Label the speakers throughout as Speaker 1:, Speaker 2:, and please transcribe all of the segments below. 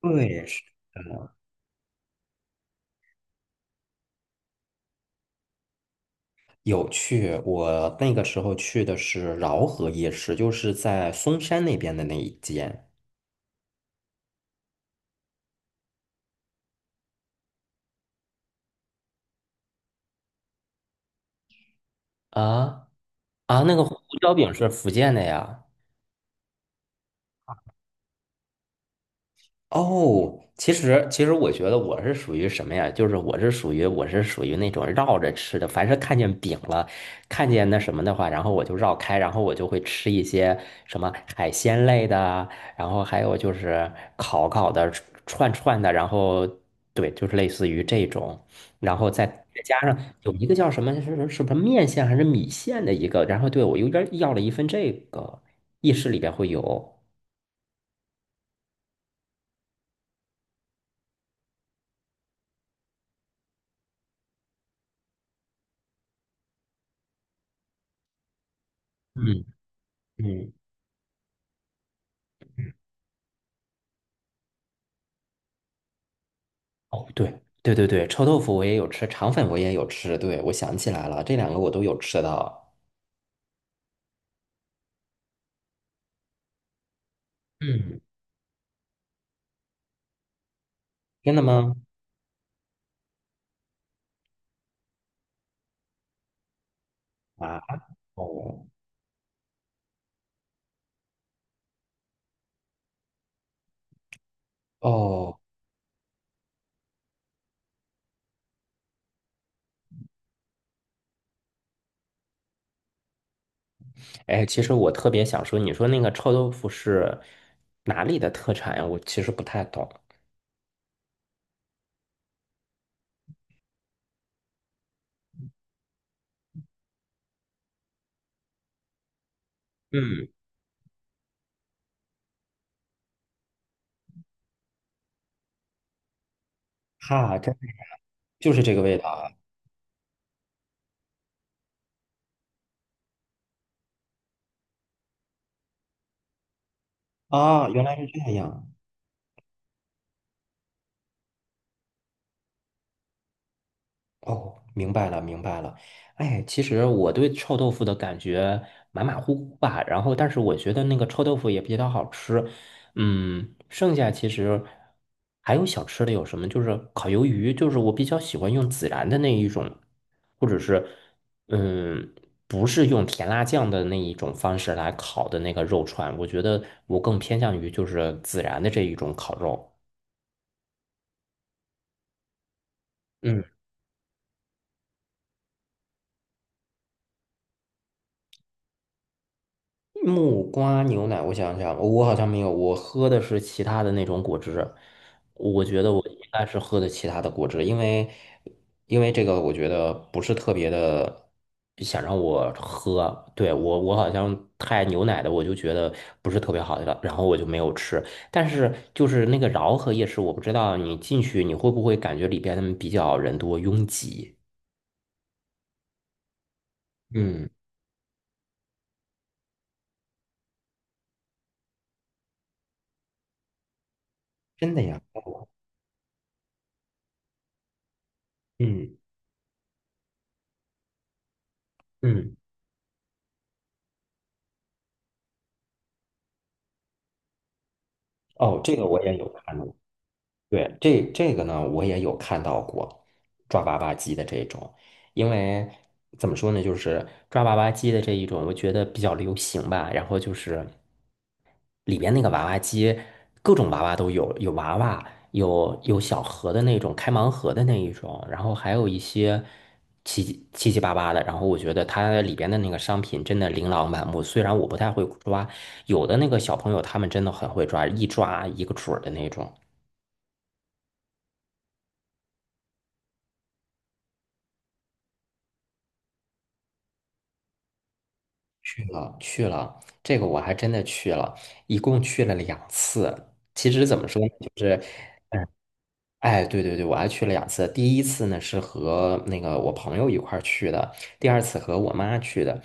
Speaker 1: 对，是有去。我那个时候去的是饶河夜市，就是在嵩山那边的那一间。啊啊，那个胡椒饼是福建的呀。哦，其实我觉得我是属于什么呀？就是我是属于那种绕着吃的，凡是看见饼了，看见那什么的话，然后我就绕开，然后我就会吃一些什么海鲜类的啊，然后还有就是烤烤的、串串的，然后对，就是类似于这种，然后再加上有一个叫什么是什么面线还是米线的一个，然后对我有点要了一份这个，意式里边会有，嗯嗯。哦，对对对对，臭豆腐我也有吃，肠粉我也有吃。对，我想起来了，这两个我都有吃到。嗯，真的吗？啊，哦哦，哎，其实我特别想说，你说那个臭豆腐是哪里的特产呀？我其实不太懂。嗯，哈，真的就是这个味道啊！啊，原来是这样。哦，明白了，明白了。哎，其实我对臭豆腐的感觉马马虎虎吧，然后但是我觉得那个臭豆腐也比较好吃。嗯，剩下其实还有小吃的有什么？就是烤鱿鱼，就是我比较喜欢用孜然的那一种，或者是嗯，不是用甜辣酱的那一种方式来烤的那个肉串，我觉得我更偏向于就是孜然的这一种烤肉。嗯。木瓜牛奶，我想想，我好像没有，我喝的是其他的那种果汁。我觉得我应该是喝的其他的果汁，因为这个我觉得不是特别的想让我喝。对，我好像太牛奶的，我就觉得不是特别好的，然后我就没有吃。但是就是那个饶河夜市，我不知道你进去你会不会感觉里边比较人多拥挤？嗯，真的呀，嗯嗯，哦，这个我也有看到。对，这个呢，我也有看到过抓娃娃机的这种，因为怎么说呢，就是抓娃娃机的这一种，我觉得比较流行吧。然后就是里边那个娃娃机，各种娃娃都有，有娃娃，有小盒的那种，开盲盒的那一种，然后还有一些七七七八八的。然后我觉得它里边的那个商品真的琳琅满目，虽然我不太会抓，有的那个小朋友他们真的很会抓，一抓一个准儿的那种。去了，去了，这个我还真的去了，一共去了两次。其实怎么说呢，就是嗯，哎，对对对，我还去了两次。第一次呢是和那个我朋友一块儿去的，第二次和我妈去的。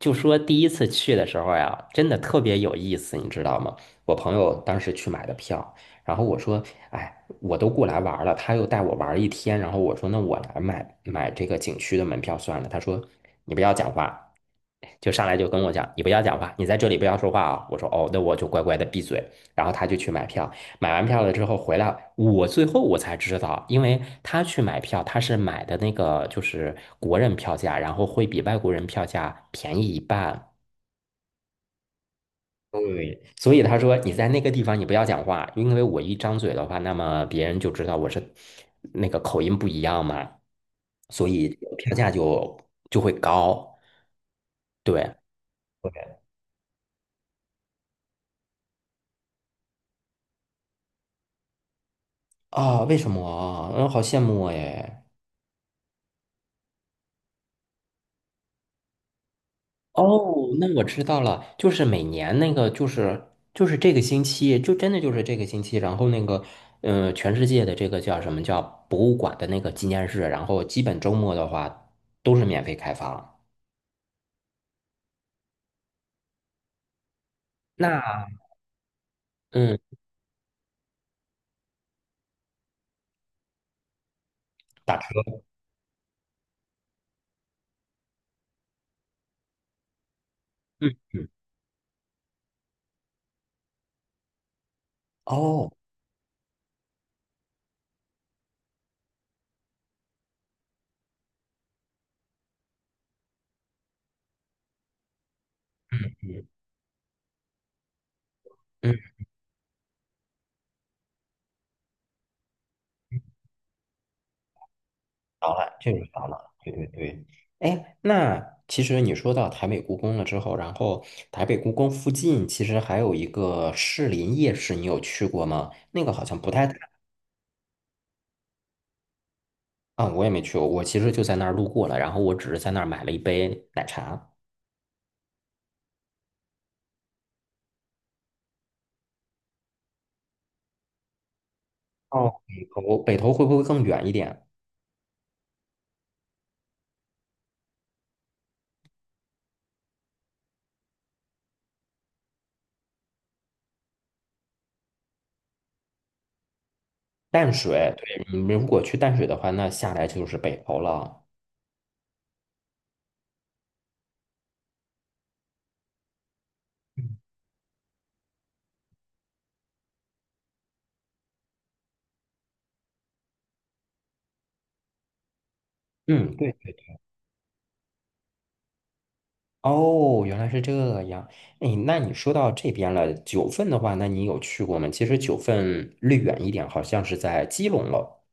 Speaker 1: 就说第一次去的时候呀，真的特别有意思，你知道吗？我朋友当时去买的票，然后我说，哎，我都过来玩儿了，他又带我玩儿一天，然后我说，那我来买买这个景区的门票算了。他说，你不要讲话，就上来就跟我讲，你不要讲话，你在这里不要说话啊。我说，哦，那我就乖乖的闭嘴。然后他就去买票。买完票了之后回来，我最后我才知道，因为他去买票，他是买的那个就是国人票价，然后会比外国人票价便宜一半。对，所以他说你在那个地方你不要讲话，因为我一张嘴的话，那么别人就知道我是那个口音不一样嘛，所以票价就会高。对，对啊，为什么啊？嗯，好羡慕哎。哦，那我知道了，就是每年那个，就是这个星期，就真的就是这个星期，然后那个，全世界的这个叫什么叫博物馆的那个纪念日，然后基本周末的话都是免费开放。那嗯，打车，嗯嗯，哦，嗯嗯，好了，这个好了，对对对，哎，那其实你说到台北故宫了之后，然后台北故宫附近其实还有一个士林夜市，你有去过吗？那个好像不太。啊，我也没去过，我其实就在那儿路过了，然后我只是在那儿买了一杯奶茶。哦，北头会不会更远一点？淡水，对，你们如果去淡水的话，那下来就是北头了。嗯，嗯，对，哦，原来是这样。哎，那你说到这边了，九份的话，那你有去过吗？其实九份略远一点，好像是在基隆了。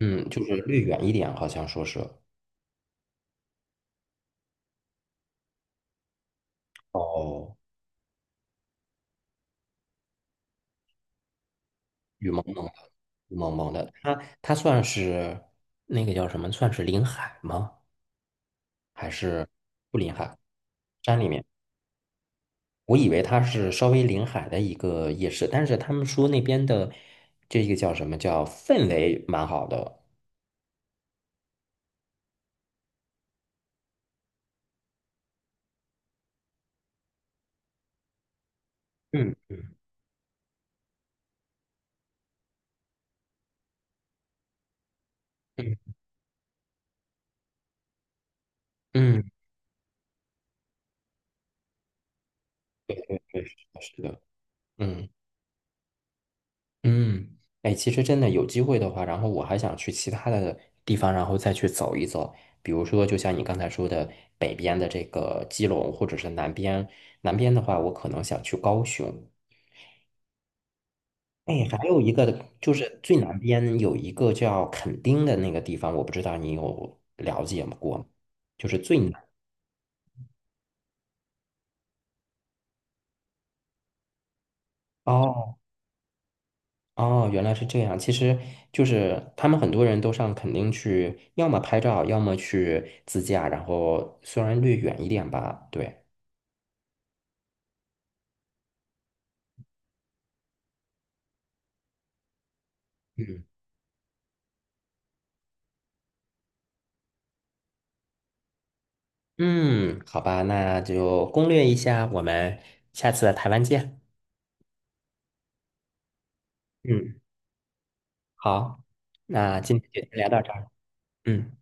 Speaker 1: 嗯，就是略远一点，好像说是。哦，雨蒙蒙。萌萌的，它算是那个叫什么？算是临海吗？还是不临海？山里面？我以为它是稍微临海的一个夜市，但是他们说那边的这个叫什么叫氛围蛮好的。嗯嗯嗯，对，是的，是的嗯。嗯，哎，其实真的有机会的话，然后我还想去其他的地方，然后再去走一走。比如说，就像你刚才说的，北边的这个基隆，或者是南边。南边的话，我可能想去高雄。哎，还有一个就是最南边有一个叫垦丁的那个地方，我不知道你有了解吗过吗？就是最南。哦哦，原来是这样。其实就是他们很多人都上垦丁去，要么拍照，要么去自驾，然后虽然略远一点吧，对。嗯嗯，好吧，那就攻略一下，我们下次台湾见。嗯，好，那今天就先聊到这儿。嗯。